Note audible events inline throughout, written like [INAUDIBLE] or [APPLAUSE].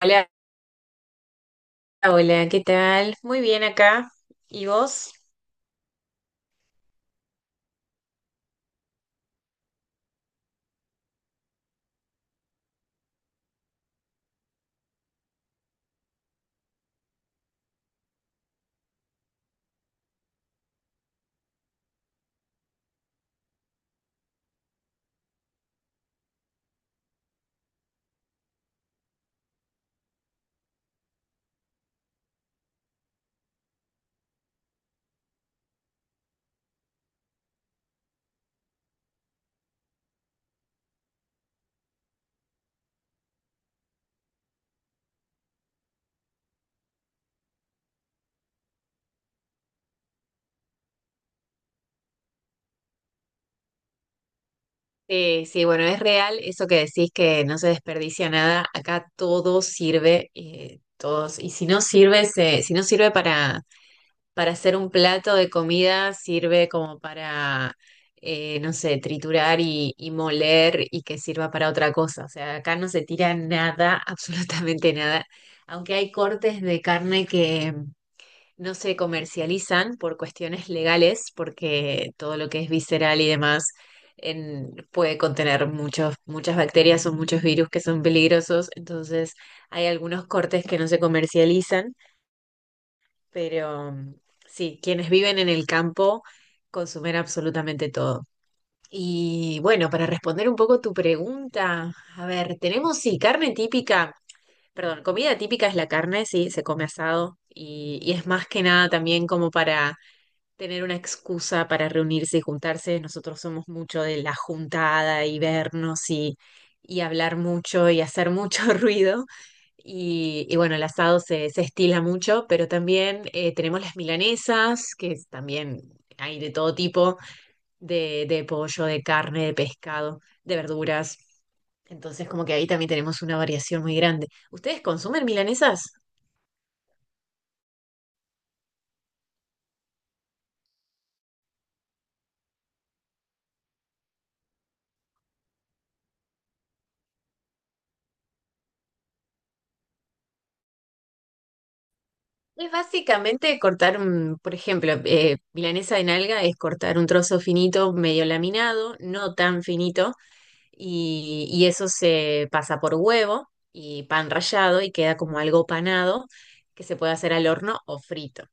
Hola, hola, ¿qué tal? Muy bien acá. ¿Y vos? Sí, sí, bueno, es real eso que decís que no se desperdicia nada. Acá todo sirve, todos. Y si no sirve, si no sirve para hacer un plato de comida, sirve como para, no sé, triturar y moler y que sirva para otra cosa. O sea, acá no se tira nada, [LAUGHS] absolutamente nada. Aunque hay cortes de carne no se comercializan por cuestiones legales, porque todo lo que es visceral y demás puede contener muchas bacterias o muchos virus que son peligrosos. Entonces, hay algunos cortes que no se comercializan, pero sí, quienes viven en el campo consumen absolutamente todo. Y bueno, para responder un poco tu pregunta, a ver, tenemos sí, carne típica. Perdón, comida típica es la carne, sí, se come asado y es más que nada también como para tener una excusa para reunirse y juntarse. Nosotros somos mucho de la juntada y vernos y hablar mucho y hacer mucho [LAUGHS] ruido. Y bueno, el asado se, se estila mucho, pero también tenemos las milanesas, también hay de todo tipo, de pollo, de carne, de pescado, de verduras. Entonces, como que ahí también tenemos una variación muy grande. ¿Ustedes consumen milanesas? Es básicamente cortar un, por ejemplo, milanesa de nalga es cortar un trozo finito, medio laminado, no tan finito, y eso se pasa por huevo y pan rallado y queda como algo panado que se puede hacer al horno o frito.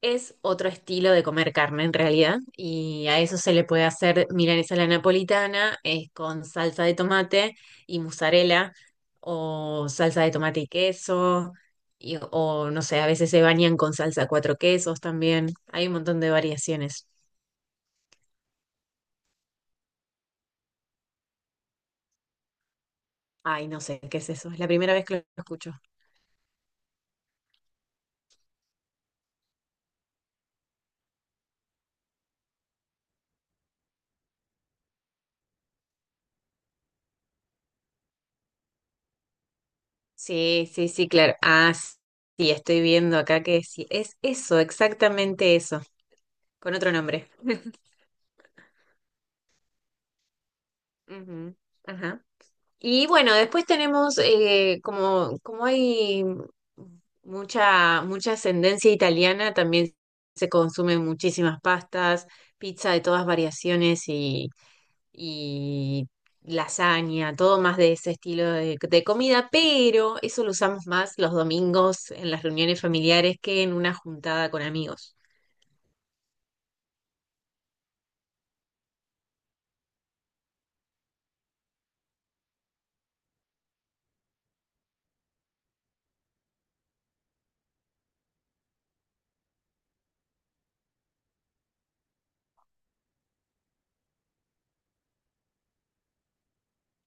Es otro estilo de comer carne en realidad, y a eso se le puede hacer milanesa a la napolitana, es con salsa de tomate y mozzarella, o salsa de tomate y queso, o no sé, a veces se bañan con salsa de cuatro quesos también. Hay un montón de variaciones. Ay, no sé, ¿qué es eso? Es la primera vez que lo escucho. Sí, sí, sí, claro. Ah, sí, estoy viendo acá que sí, es eso, exactamente eso, con otro nombre. [LAUGHS] Ujú, ajá. Y bueno, después tenemos, como, como hay mucha, mucha ascendencia italiana, también se consumen muchísimas pastas, pizza de todas variaciones y lasaña, todo más de ese estilo de comida, pero eso lo usamos más los domingos en las reuniones familiares que en una juntada con amigos.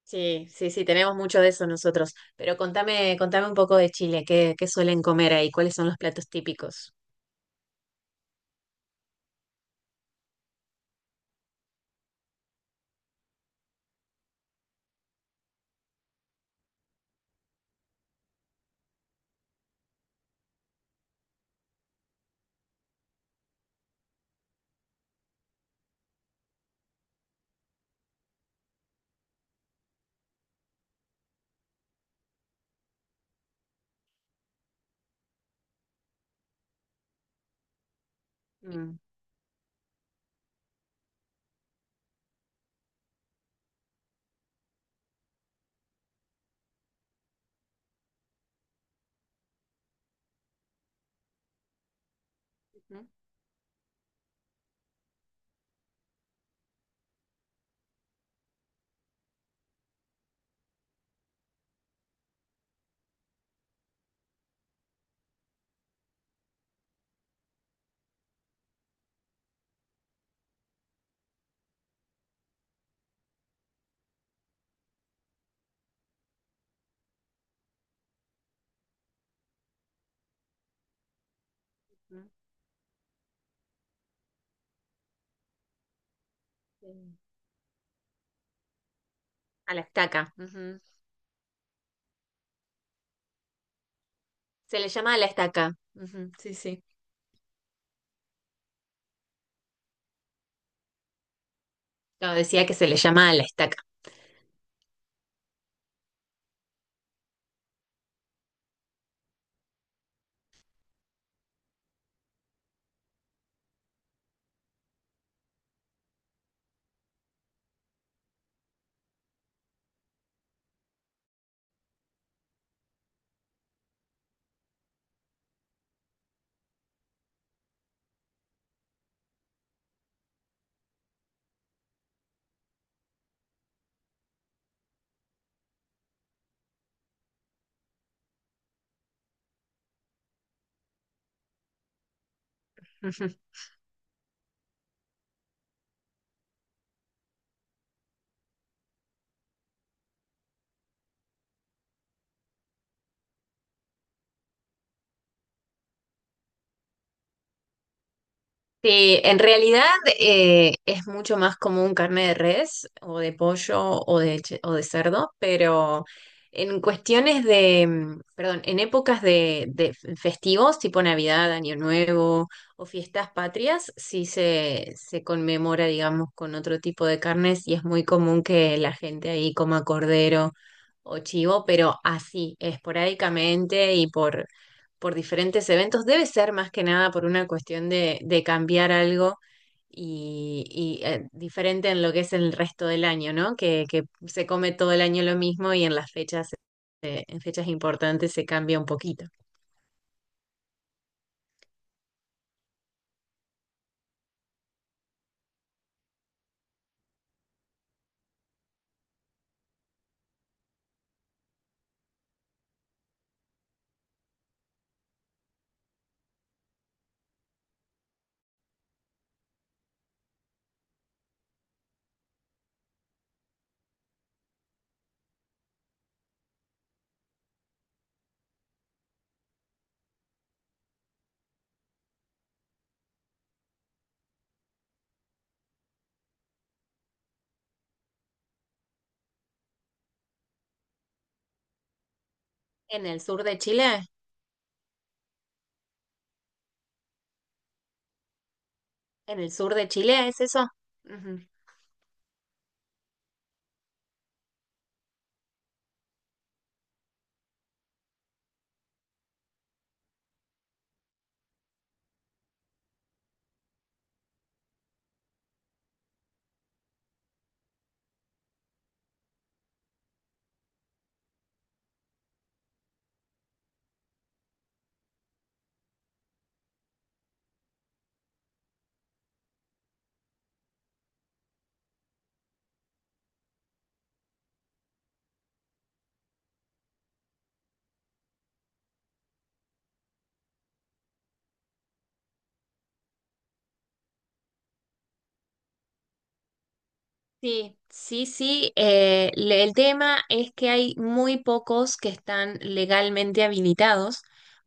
Sí, sí, sí, tenemos mucho de eso nosotros. Pero contame, contame un poco de Chile, ¿qué, qué suelen comer ahí? ¿Cuáles son los platos típicos? Mm, mm. Sí. A la estaca. Ujú. Se le llama a la estaca. Ujú, sí, sí. No, decía que se le llama a la estaca. [LAUGHS] Sí, en realidad es mucho más común carne de res o de pollo o de, o de cerdo, pero en cuestiones de, perdón, en épocas de festivos tipo Navidad, Año Nuevo o fiestas patrias, sí se conmemora, digamos, con otro tipo de carnes y es muy común que la gente ahí coma cordero o chivo, pero así, esporádicamente y por diferentes eventos. Debe ser más que nada por una cuestión de cambiar algo y, diferente en lo que es el resto del año, ¿no? Que se come todo el año lo mismo y en las fechas, en fechas importantes se cambia un poquito. En el sur de Chile, en el sur de Chile, ¿es eso? Ujú. Sí, sí, sí. Le- el tema es que hay muy pocos que están legalmente habilitados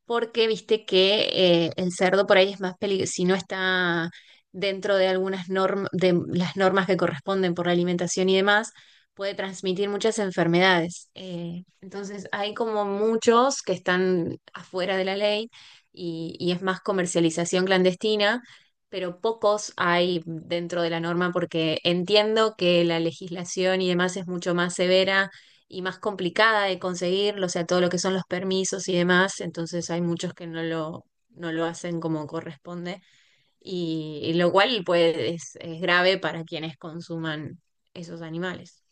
porque viste que el cerdo por ahí es más peligroso si no está dentro de algunas normas, de las normas que corresponden por la alimentación y demás, puede transmitir muchas enfermedades. Entonces hay como muchos que están afuera de la ley y es más comercialización clandestina pero pocos hay dentro de la norma porque entiendo que la legislación y demás es mucho más severa y más complicada de conseguir, o sea, todo lo que son los permisos y demás, entonces hay muchos que no lo, no lo hacen como corresponde y lo cual pues es grave para quienes consuman esos animales.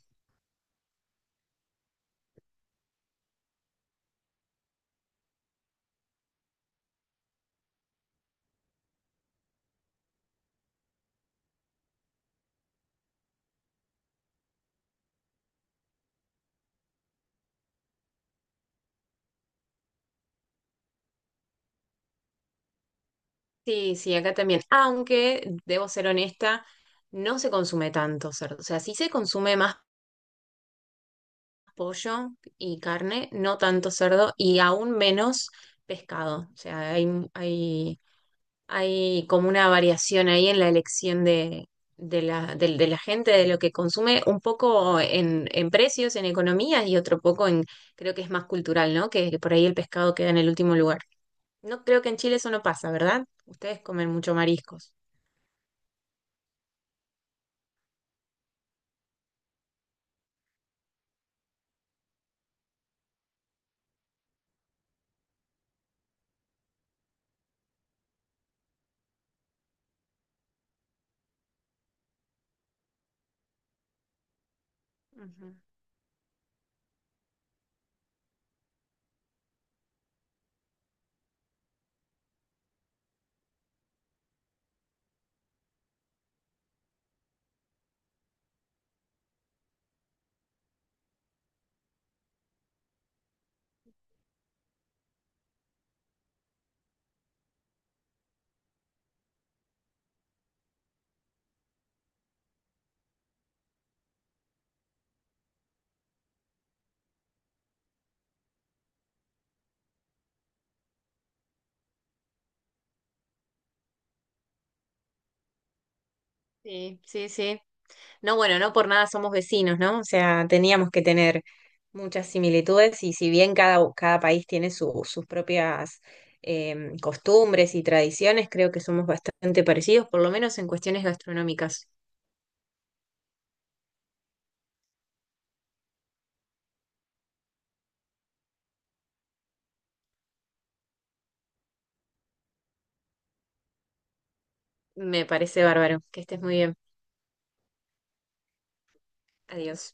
Sí, sí, acá también, aunque debo ser honesta, no se consume tanto cerdo, o sea, sí se consume más pollo y carne, no tanto cerdo y aún menos pescado. O sea, hay, hay como una variación ahí en la elección de la gente, de lo que consume, un poco en precios, en economías y otro poco en, creo que es más cultural, ¿no? Que por ahí el pescado queda en el último lugar. No creo que en Chile eso no pasa, ¿verdad? Ustedes comen mucho mariscos. Ujú. Sí, sí, sí. No, bueno, no por nada somos vecinos, ¿no? O sea, teníamos que tener muchas similitudes y si bien cada, cada país tiene sus propias costumbres y tradiciones, creo que somos bastante parecidos, por lo menos en cuestiones gastronómicas. Me parece bárbaro. Que estés muy bien. Adiós.